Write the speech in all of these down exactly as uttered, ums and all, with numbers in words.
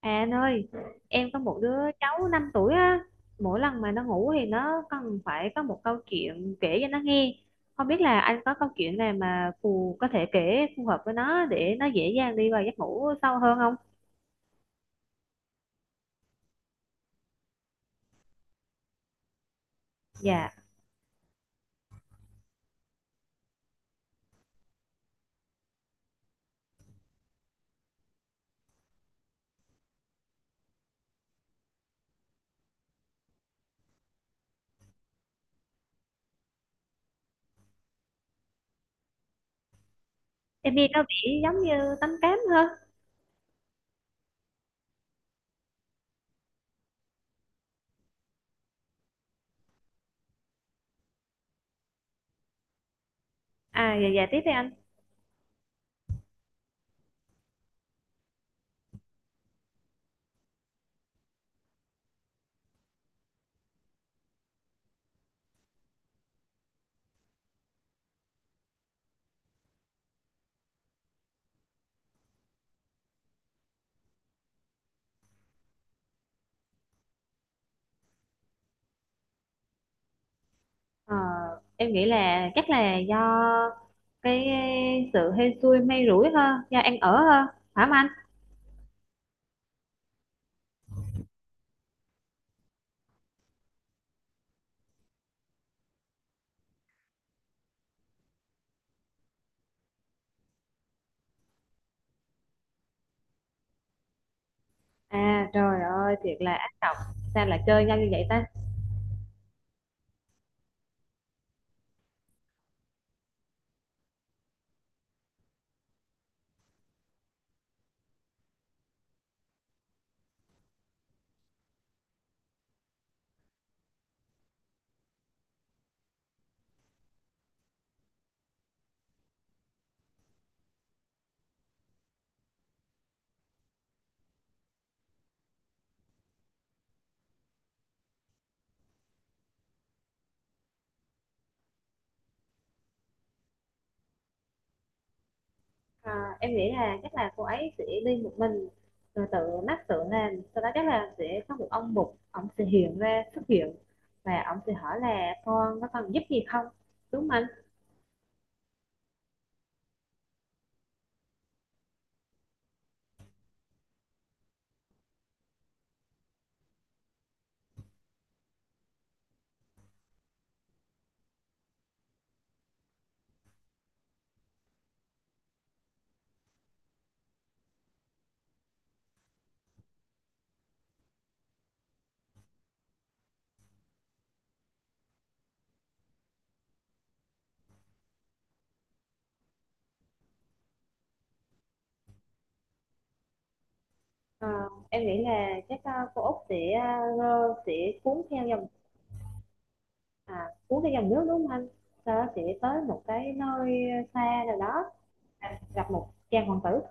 À anh ơi, em có một đứa cháu năm tuổi á, mỗi lần mà nó ngủ thì nó cần phải có một câu chuyện kể cho nó nghe. Không biết là anh có câu chuyện nào mà phù có thể kể phù hợp với nó để nó dễ dàng đi vào giấc ngủ sâu hơn không? Dạ, em nghe nó bị giống như tánh cám hơn. À, dạ dạ tiếp đi anh. Ờ, em nghĩ là chắc là do cái sự hên xui may rủi hơn, do ăn ở hơn, phải không anh? À trời ơi, thiệt là ác độc, sao lại chơi nhau như vậy ta? Ờ, em nghĩ là chắc là cô ấy sẽ đi một mình rồi tự mắc tự làm, sau đó chắc là sẽ có một ông mục ông sẽ hiện ra xuất hiện và ông sẽ hỏi là con có cần giúp gì không, đúng không anh? Ờ, em nghĩ là chắc ờ, cô Út sẽ, ờ, sẽ cuốn theo dòng, à, cuốn theo dòng nước, đúng không anh? Sau đó sẽ tới một cái nơi xa nào đó, à, gặp một chàng hoàng tử.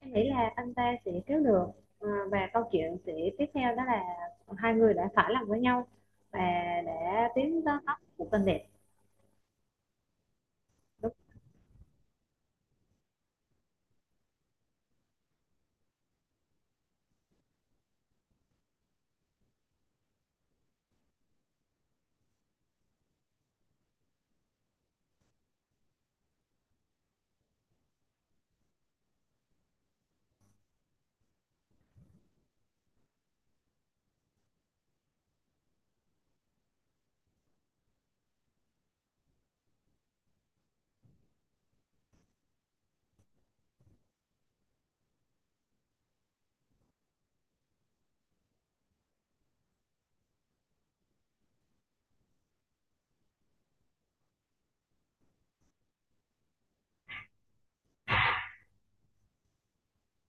Em nghĩ là anh ta sẽ cứu được. Ờ, và câu chuyện sẽ tiếp theo đó là hai người đã phải lòng với nhau và đã tiến tới tóc của tình đẹp. Đúng.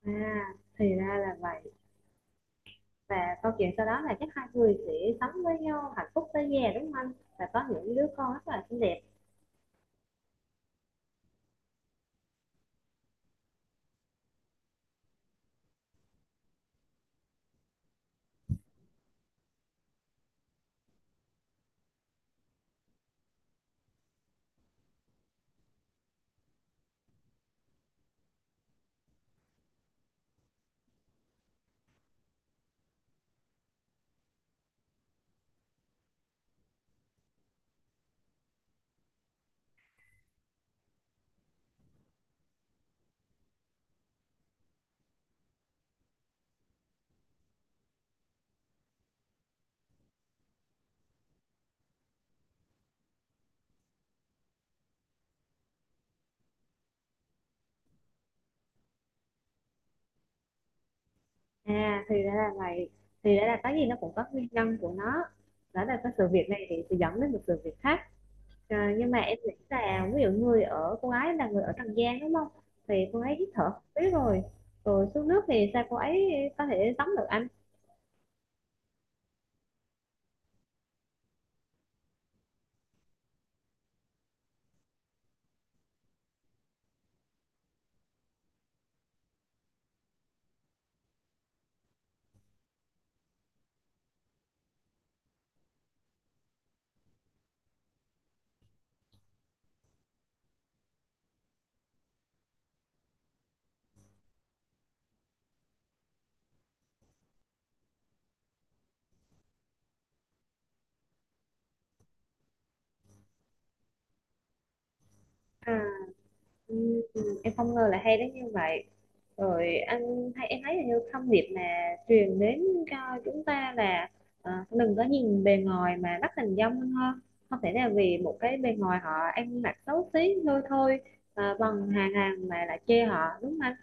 À, thì ra là vậy. Và câu chuyện sau đó là chắc hai người sẽ sống với nhau hạnh phúc tới già, đúng không anh? Và có những đứa con rất là xinh đẹp. À, thì ra là vậy, thì ra là cái gì nó cũng có nguyên nhân của nó. Đó là cái sự việc này thì sẽ dẫn đến một sự việc khác. Ờ, nhưng mà em nghĩ là ví dụ người ở cô gái là người ở Tràng Giang đúng không, thì cô ấy hít thở không khí rồi, rồi xuống nước thì sao cô ấy có thể tắm được anh? À, ừ, ừ, em không ngờ là hay đến như vậy. Rồi anh, hay em thấy là như thông điệp mà truyền đến cho chúng ta là, ờ, đừng có nhìn bề ngoài mà bắt hình dong hơn ha. Không thể là vì một cái bề ngoài họ ăn mặc xấu xí lôi thôi, à, bằng hàng hàng mà lại chê họ đúng không anh?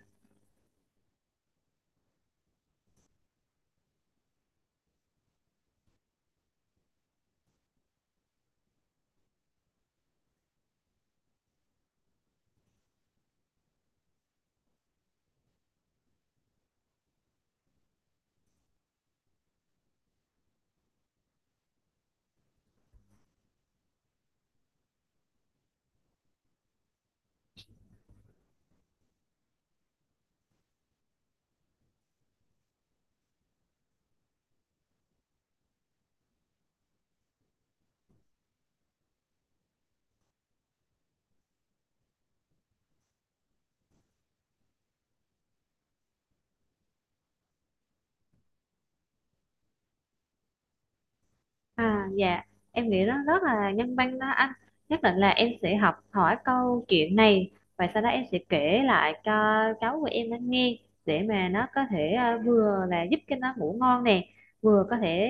À, dạ, em nghĩ nó rất là nhân văn đó anh. Nhất định là em sẽ học hỏi câu chuyện này và sau đó em sẽ kể lại cho cháu của em nó nghe, để mà nó có thể, ờ, vừa là giúp cho nó ngủ ngon nè, vừa có thể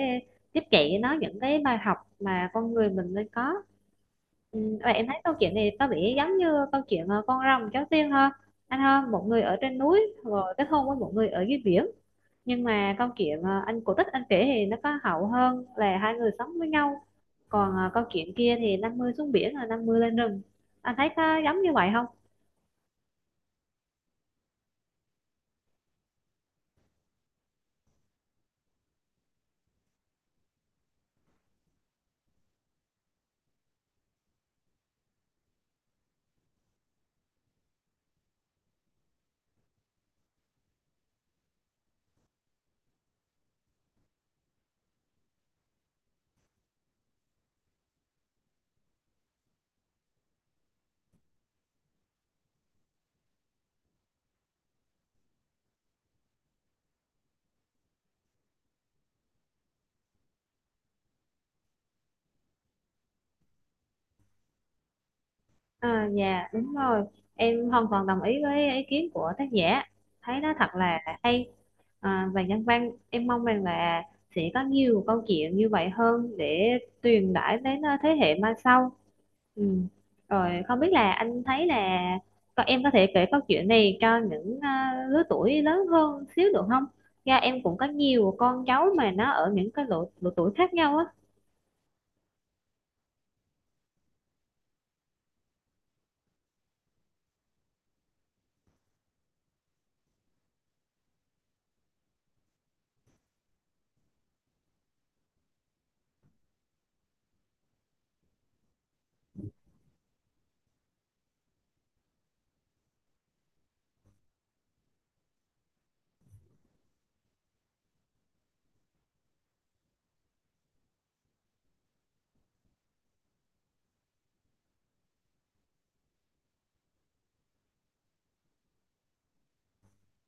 tiếp dạy nó những cái bài học mà con người mình nên có. Ừ, và em thấy câu chuyện này có vẻ giống như câu chuyện, ờ, con rồng cháu tiên ha, anh ha? Một người ở trên núi rồi kết hôn với một người ở dưới biển, nhưng mà câu chuyện, ờ, anh cổ tích anh kể thì nó có hậu hơn là hai người sống với nhau. Còn à, con kiến kia thì năm mươi xuống biển là năm mươi lên rừng, anh thấy có giống như vậy không? À, dạ đúng rồi, em hoàn toàn đồng ý với ý kiến của tác giả, thấy nó thật là hay. À, và nhân văn, em mong rằng là sẽ có nhiều câu chuyện như vậy hơn để truyền tải đến, à, thế hệ mai sau. Ừ. Rồi không biết là anh thấy là, còn em có thể kể câu chuyện này cho những, à, lứa tuổi lớn hơn xíu được không? Dạ em cũng có nhiều con cháu mà nó ở những cái độ, độ tuổi khác nhau á.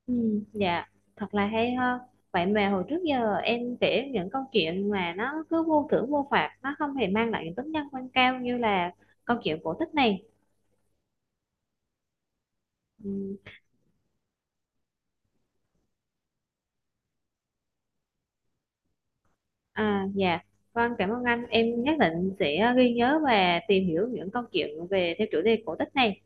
Ừ, dạ, thật là hay ha. Vậy mà hồi trước giờ em kể những câu chuyện mà nó cứ vô thưởng vô phạt, nó không hề mang lại những tính nhân văn cao như là câu chuyện cổ tích này. Ừ. À dạ vâng, cảm ơn anh, em nhất định sẽ ghi nhớ và tìm hiểu những câu chuyện về theo chủ đề cổ tích này.